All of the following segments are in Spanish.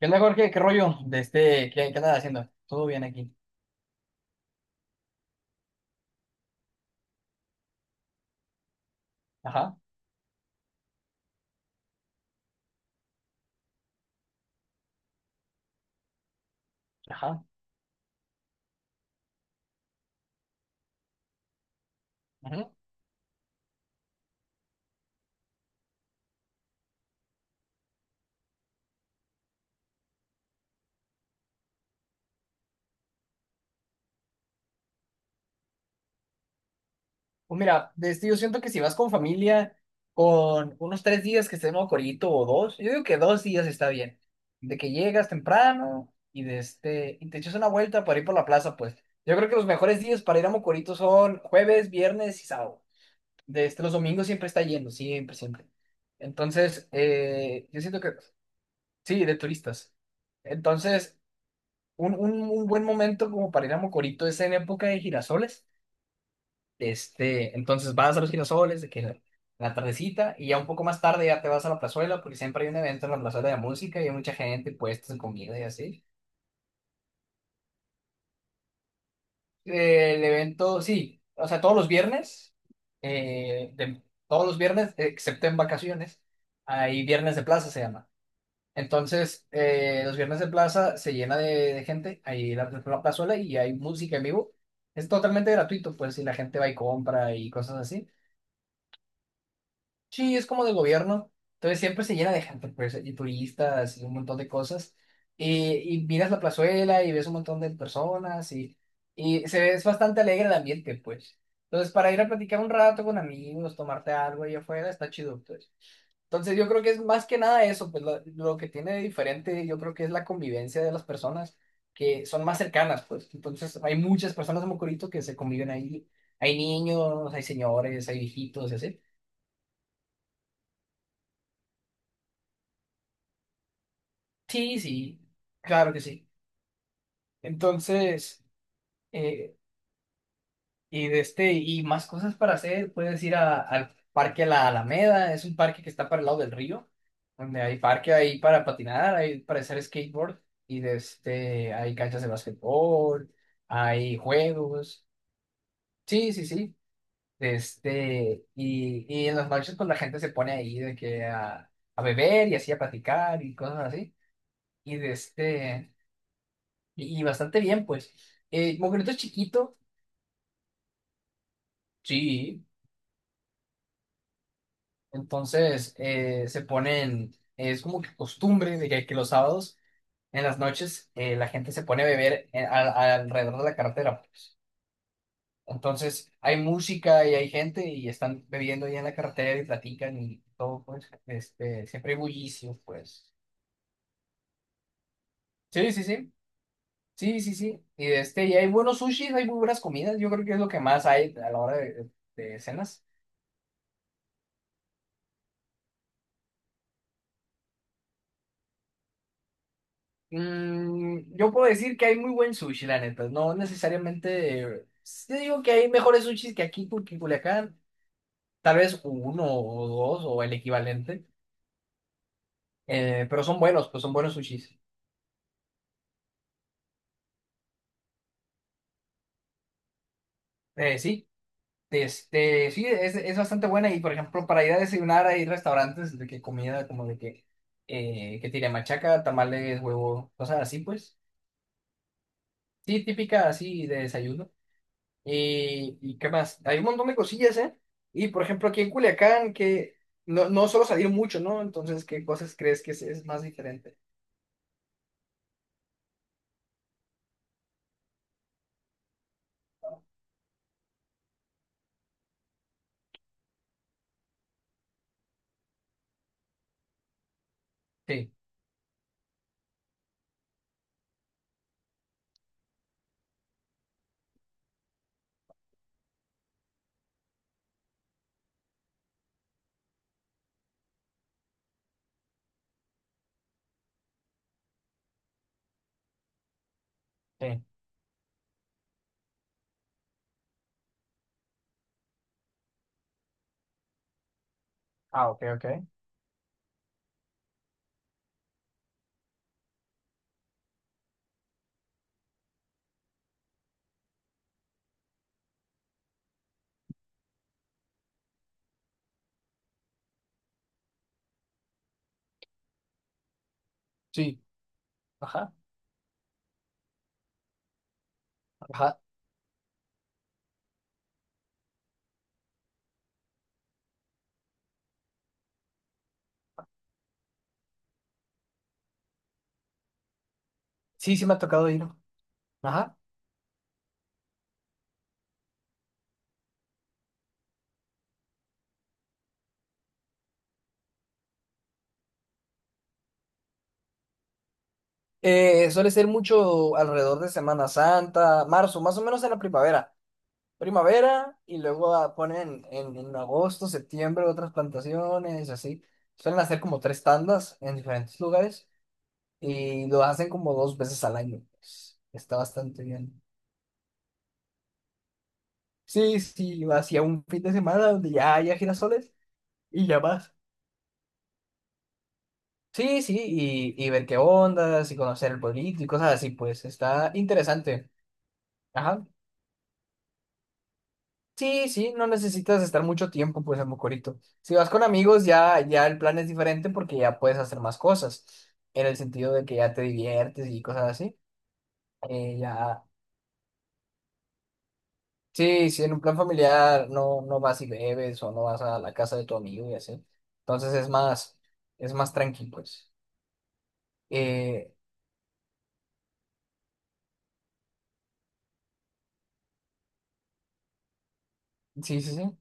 ¿Qué onda, Jorge? ¿Qué rollo? ¿Qué andas haciendo? Todo bien aquí. Ajá, ajá, ajá. Pues mira, yo siento que si vas con familia, con unos 3 días que estén en corito o dos, yo digo que 2 días está bien. De que llegas temprano y y te echas una vuelta para ir por la plaza, pues. Yo creo que los mejores días para ir a Mocorito son jueves, viernes y sábado. Los domingos siempre está yendo, siempre, siempre. Entonces, yo siento que, sí, de turistas. Entonces, un buen momento como para ir a Mocorito es en época de girasoles. Entonces vas a los girasoles, de que la tardecita, y ya un poco más tarde ya te vas a la plazuela, porque siempre hay un evento en la plazuela de música y hay mucha gente, puestos de comida y así. El evento, sí, o sea, todos los viernes, todos los viernes, excepto en vacaciones, hay viernes de plaza, se llama. Entonces, los viernes de plaza se llena de gente, ahí la plazuela y hay música en vivo. Es totalmente gratuito, pues, si la gente va y compra y cosas así. Sí, es como de gobierno. Entonces, siempre se llena de gente, pues, y turistas y un montón de cosas. Y miras la plazuela y ves un montón de personas y se ve, es bastante alegre el ambiente, pues. Entonces, para ir a platicar un rato con amigos, tomarte algo ahí afuera, está chido, pues. Entonces yo creo que es más que nada eso, pues lo que tiene de diferente yo creo que es la convivencia de las personas que son más cercanas, pues entonces hay muchas personas de Mocorito que se conviven ahí, hay niños, hay señores, hay viejitos y así. Sí, sí, claro que sí. Entonces, eh, Y más cosas para hacer, puedes ir al parque La Alameda, es un parque que está para el lado del río, donde hay parque ahí para patinar, hay para hacer skateboard, y hay canchas de basquetbol, hay juegos. Sí, sí, sí. Y en las noches pues la gente se pone ahí de que a beber y así a platicar y cosas así, y de este, y bastante bien pues, Mocorito es chiquito, sí. Entonces se ponen, es como que costumbre de que los sábados en las noches la gente se pone a beber alrededor de la carretera. Entonces hay música y hay gente y están bebiendo ahí en la carretera y platican y todo, pues, siempre hay bullicio, pues. Sí, sí, sí, sí, sí, sí. Y y hay buenos sushis, hay muy buenas comidas, yo creo que es lo que más hay a la hora de cenas. Yo puedo decir que hay muy buen sushi, la neta. No necesariamente. Yo digo que hay mejores sushis que aquí, porque en Culiacán, tal vez uno o dos o el equivalente. Pero son buenos, pues son buenos sushis. Sí, sí, es bastante buena. Y por ejemplo, para ir a desayunar hay restaurantes de que comida como que tiene machaca, tamales, huevo, cosas así, pues. Sí, típica así de desayuno. ¿Y qué más? Hay un montón de cosillas, ¿eh? Y por ejemplo, aquí en Culiacán, que no suelo salir mucho, ¿no? Entonces, ¿qué cosas crees que es más diferente? Sí, sí. Ah, ok, ok. Sí, ajá, ajá. Sí, sí me ha tocado ir. Ajá. Suele ser mucho alrededor de Semana Santa, marzo, más o menos en la primavera. Primavera y luego ponen en agosto, septiembre otras plantaciones, así. Suelen hacer como tres tandas en diferentes lugares. Y lo hacen como dos veces al año, pues. Está bastante bien. Sí, sí, hacia un fin de semana donde ya haya girasoles y ya vas. Sí, sí, y ver qué ondas y conocer el pueblito y cosas así, pues está interesante. Ajá. Sí, sí, no necesitas estar mucho tiempo, pues, en Mocorito. Si vas con amigos, ya, ya el plan es diferente porque ya puedes hacer más cosas, en el sentido de que ya te diviertes y cosas así. Ya. Sí, si en un plan familiar no vas y bebes o no vas a la casa de tu amigo y así. Entonces es más tranqui, pues. Eh, sí, sí, sí,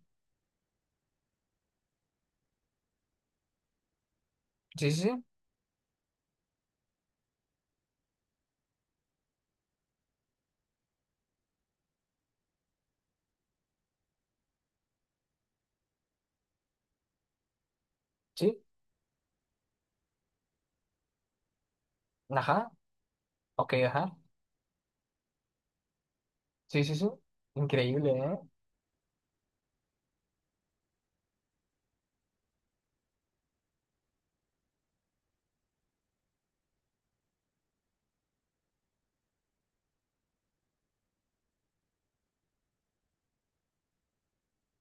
sí, sí, sí, sí, ajá, ok, ajá, sí, sí, sí, increíble, ¿eh?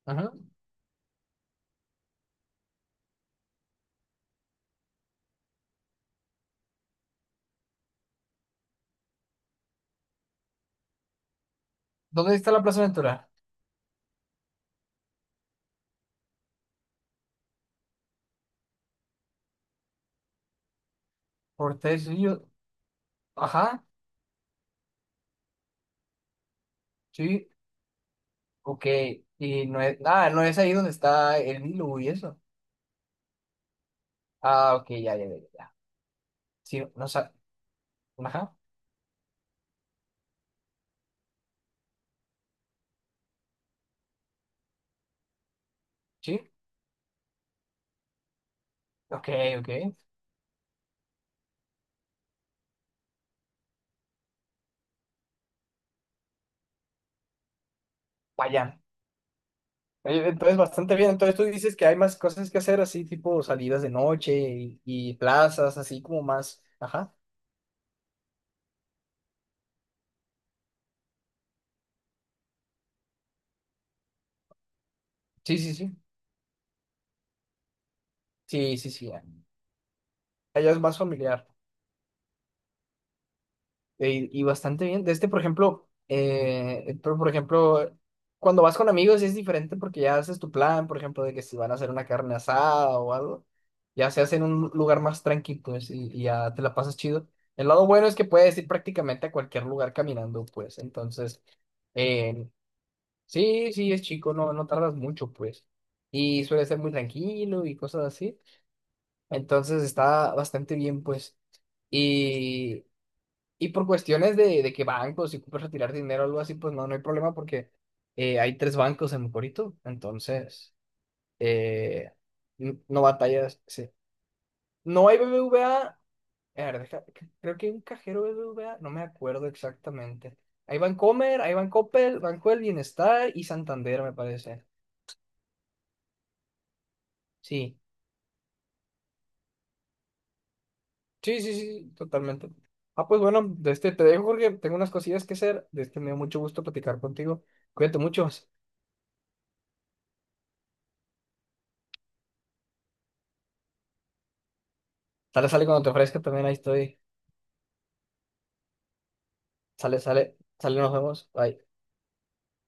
Ajá. ¿Dónde está la Plaza Ventura? Por tres ajá, sí, ok, y no es ahí donde está el Nilo y eso. Ah, ok, ya, ya, ya, ya, sí, no sa- ajá, sí, ok, ok, vaya. Oye, entonces, bastante bien. Entonces, tú dices que hay más cosas que hacer, así tipo salidas de noche y plazas, así como más. Ajá. Sí, sí, sí. Sí, sí, sí. Ya. Allá es más familiar. Y, bastante bien. Por ejemplo, pero, por ejemplo, cuando vas con amigos es diferente porque ya haces tu plan, por ejemplo, de que si van a hacer una carne asada o algo, ya se hace en un lugar más tranquilo, pues, y ya te la pasas chido. El lado bueno es que puedes ir prácticamente a cualquier lugar caminando, pues. Entonces. eh, Sí sí, es chico, no tardas mucho, pues. Y suele ser muy tranquilo y cosas así. Entonces está bastante bien, pues. Y, y por cuestiones de que bancos, si puedes retirar dinero o algo así, pues no hay problema porque hay tres bancos en Mocorito. Entonces, eh, no batallas. Sí. No hay BBVA. A ver, creo que hay un cajero BBVA, no me acuerdo exactamente. Hay Bancomer, hay Bancoppel, Banco del Bienestar y Santander, me parece. Sí. Sí, sí, sí, totalmente. Ah, pues bueno, de este te dejo, Jorge. Tengo unas cosillas que hacer. De este me dio mucho gusto platicar contigo. Cuídate mucho. Sale, sale cuando te ofrezca también. Ahí estoy. Sale, sale, sale, nos vemos. Bye.